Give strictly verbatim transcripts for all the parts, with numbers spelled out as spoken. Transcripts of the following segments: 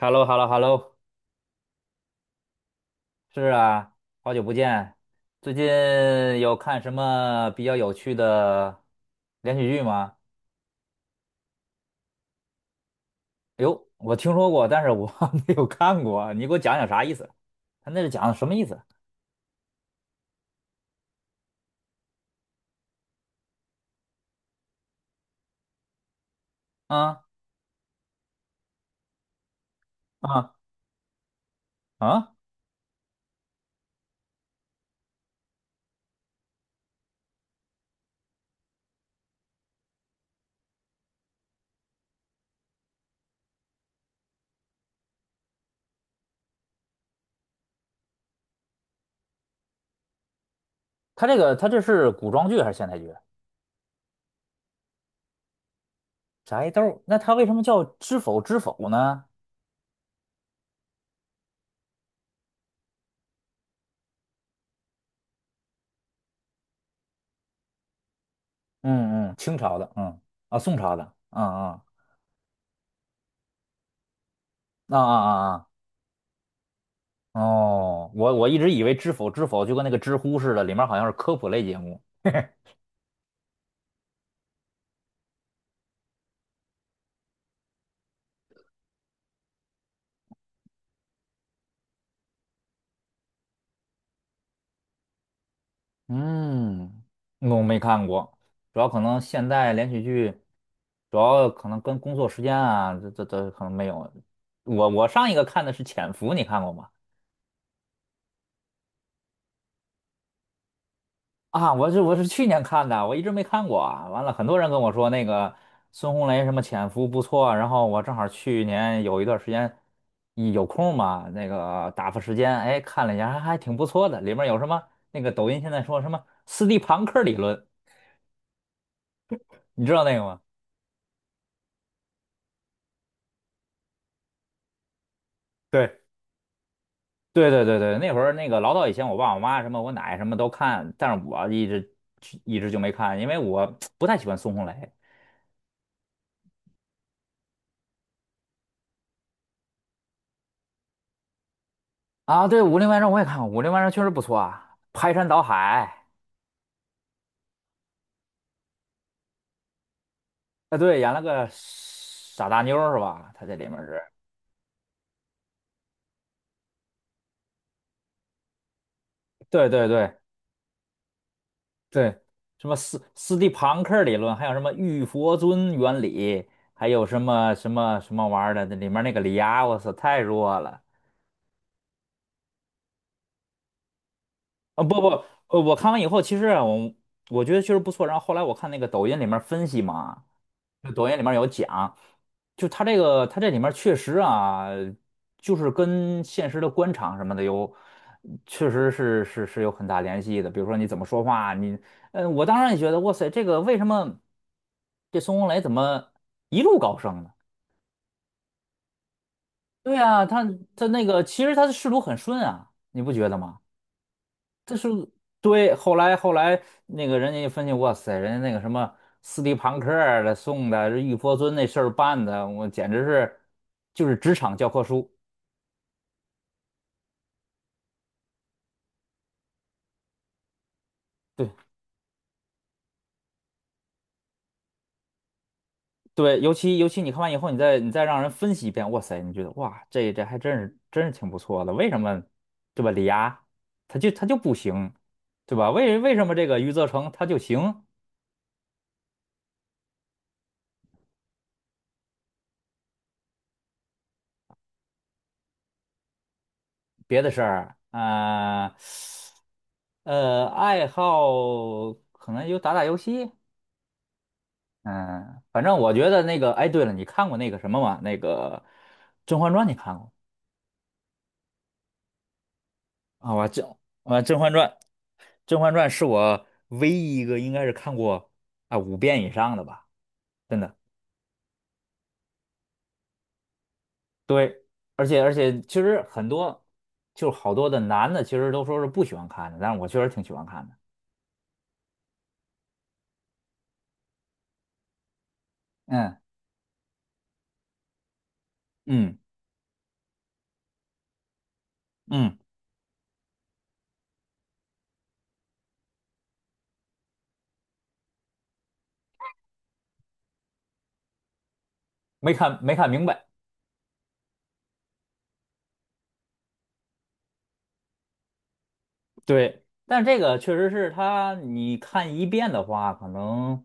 h e l l o h e l l o h e l l o 是啊，好久不见。最近有看什么比较有趣的连续剧吗？哎呦，我听说过，但是我 没有看过。你给我讲讲啥意思？他那是讲的什么意思？啊啊啊！他这个，他这是古装剧还是现代剧？宅斗儿那他为什么叫知否知否呢？嗯嗯，清朝的，嗯啊，宋朝的，嗯嗯啊啊啊啊！哦，我我一直以为知否知否就跟那个知乎似的，里面好像是科普类节目。嗯，我没看过，主要可能现代连续剧，主要可能跟工作时间啊，这这这可能没有。我我上一个看的是《潜伏》，你看过吗？啊，我是我是去年看的，我一直没看过啊。完了，很多人跟我说那个孙红雷什么《潜伏》不错，然后我正好去年有一段时间一有空嘛，那个打发时间，哎，看了一下，还还挺不错的。里面有什么那个抖音现在说什么斯蒂庞克理论，你知道那个吗？对。对对对对，那会儿那个老早以前，我爸我妈什么我奶什么都看，但是我一直一直就没看，因为我 不太喜欢孙红雷啊。对，《武林外传》我也看过，《武林外传》确实不错啊，排山倒海啊，对，演了个傻大妞儿是吧？他这里面是，对对对对，什么斯斯蒂庞克理论，还有什么玉佛尊原理，还有什么什么什么玩意儿的，那里面那个李涯，我操，太弱了。啊，不不，呃，我看完以后，其实啊我我觉得确实不错。然后后来我看那个抖音里面分析嘛，就抖音里面有讲，就它这个它这里面确实啊，就是跟现实的官场什么的有，确实是是是有很大联系的。比如说你怎么说话，你，嗯，我当然也觉得，哇塞，这个为什么这孙红雷怎么一路高升呢？对啊，他他那个其实他的仕途很顺啊，你不觉得吗？这是对。后来后来那个人家一分析，哇塞，人家那个什么斯蒂庞克儿的送的，这玉佛尊那事儿办的，我简直是就是职场教科书。对对，尤其尤其你看完以后，你再你再让人分析一遍，哇塞，你觉得哇，这这还真是真是挺不错的。为什么对吧？李涯他就他就不行，对吧？为为什么这个余则成他就行？别的事儿啊，呃，爱好可能就打打游戏，嗯，反正我觉得那个，哎，对了，你看过那个什么吗？那个《甄嬛传》，你看过啊？我甄啊，《甄嬛传》，《甄嬛传》是我唯一一个应该是看过啊五遍以上的吧，真的。对，而且而且，其实很多就是好多的男的，其实都说是不喜欢看的，但是我确实挺喜欢看的。嗯嗯嗯，没看没看明白。对，但这个确实是他，你看一遍的话，可能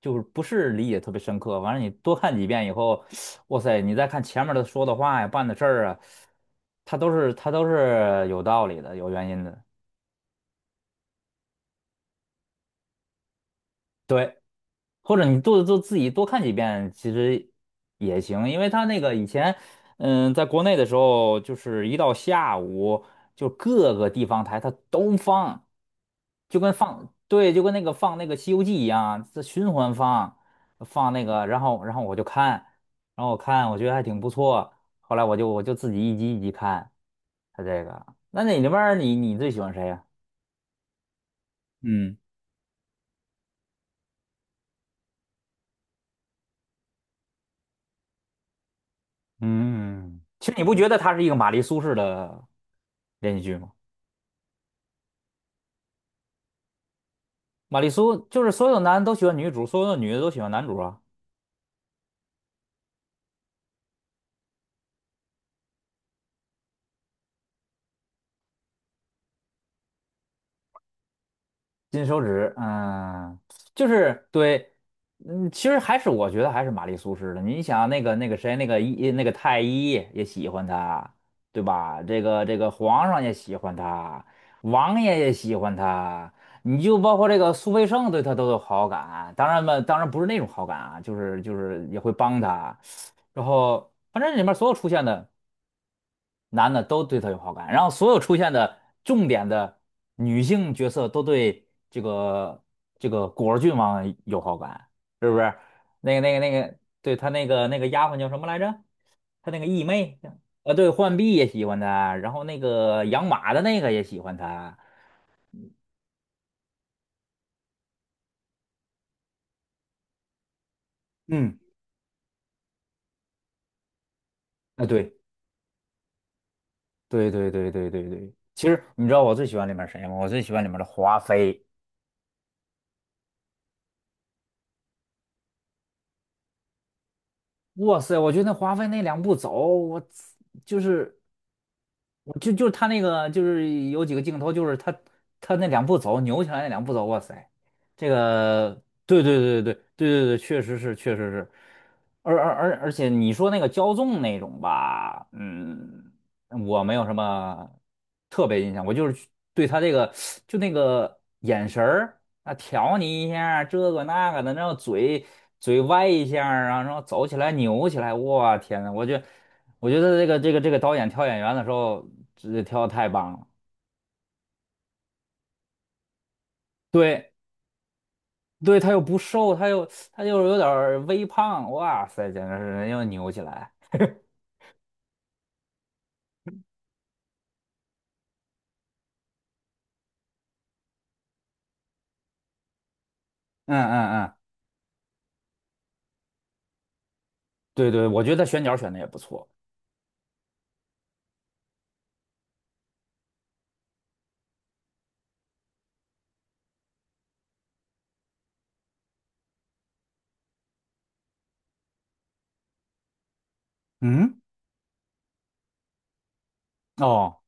就是不是理解特别深刻。完了，你多看几遍以后，哇塞，你再看前面的说的话呀、办的事儿啊，他都是他都是有道理的、有原因的。对。或者你多多自己多看几遍，其实也行，因为他那个以前，嗯，在国内的时候，就是一到下午，就各个地方台它都放，就跟放，对，就跟那个放那个《西游记》一样，这循环放，放那个，然后然后我就看，然后我看，我觉得还挺不错，后来我就我就自己一集一集看，他这个，那你那边儿你你最喜欢谁呀？嗯。嗯，其实你不觉得她是一个玛丽苏式的连续剧吗？玛丽苏就是所有男的都喜欢女主，所有的女的都喜欢男主啊。金手指，嗯，就是对，嗯，其实还是我觉得还是玛丽苏式的。你想那个那个谁，那个一那个太医也喜欢她，对吧？这个这个皇上也喜欢她，王爷也喜欢她，你就包括这个苏培盛对她都有好感。当然嘛，当然不是那种好感啊，就是就是也会帮她。然后反正里面所有出现的。男的都对她有好感，然后所有出现的重点的女性角色都对这个这个果儿郡王有好感，是不是？那个那个那个，对他那个那个丫鬟叫什么来着？他那个义妹，呃，对，浣碧也喜欢他，然后那个养马的那个也喜欢他。嗯，啊，对对对对对对对，其实你知道我最喜欢里面谁吗？我最喜欢里面的华妃。哇塞，我觉得华妃那两步走，我就是我就就是他那个，就是有几个镜头，就是他他那两步走扭起来那两步走，哇塞，这个对对对对对对对，确实是确实是，而而而而且你说那个骄纵那种吧，嗯。我没有什么特别印象，我就是去对他这个就那个眼神儿啊，挑你一下儿这个那个的，然后嘴嘴歪一下儿啊，然后走起来扭起来，哇天呐，我觉我觉得这个这个这个导演挑演员的时候，这挑的太棒了。对对，他又不瘦，他又他又有点儿微胖，哇塞，简直是人又扭起来。嗯嗯嗯，对对，我觉得他选角选的也不错。嗯，哦。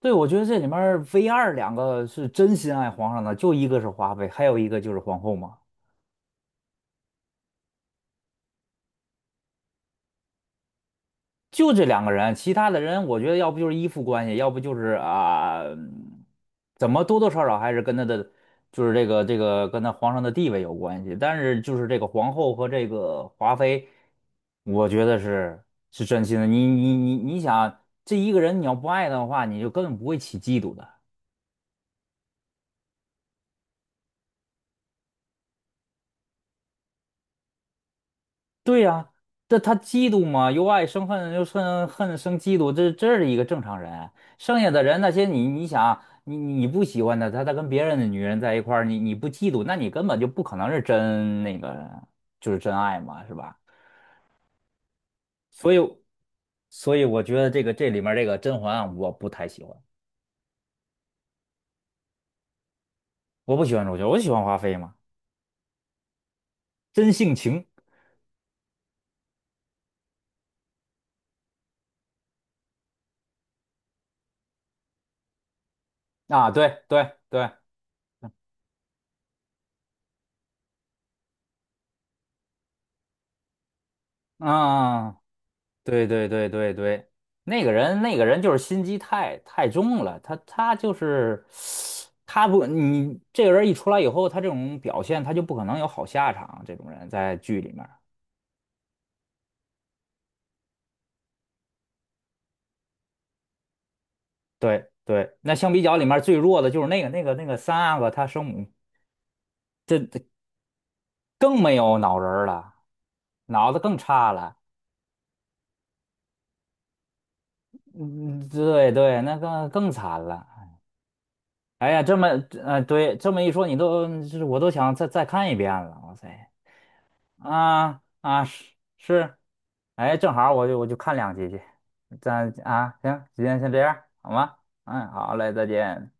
对，我觉得这里面儿 v 二两个是真心爱皇上的，就一个是华妃，还有一个就是皇后嘛，就这两个人，其他的人我觉得要不就是依附关系，要不就是啊，嗯怎么多多少少还是跟他的就是这个这个跟他皇上的地位有关系，但是就是这个皇后和这个华妃，我觉得是是真心的。你你你你想，这一个人你要不爱他的话，你就根本不会起嫉妒的。对呀、这他嫉妒嘛，由爱生恨，由恨恨生嫉妒，这这是一个正常人。剩下的人那些你你想你你不喜欢的，他他跟别人的女人在一块儿，你你不嫉妒，那你根本就不可能是真那个就是真爱嘛，是吧？所以所以我觉得这个这里面这个甄嬛啊我不太喜欢，我不喜欢主角，我喜欢华妃嘛，真性情啊，对对对，嗯。对对对对对，那个人那个人就是心机太太重了，他他就是他不你这个人一出来以后，他这种表现他就不可能有好下场。这种人在剧里面儿对对，那相比较里面最弱的就是那个那个那个三阿哥他生母更没有脑仁儿了，脑子更差了，嗯，对对，那个更惨了。哎呀，这么呃对，这么一说，你都是我都想再再看一遍了，哇塞。啊啊是是，哎，正好我就我就看两集去，咱啊行，今天先这样好吗？嗯，好嘞，再见。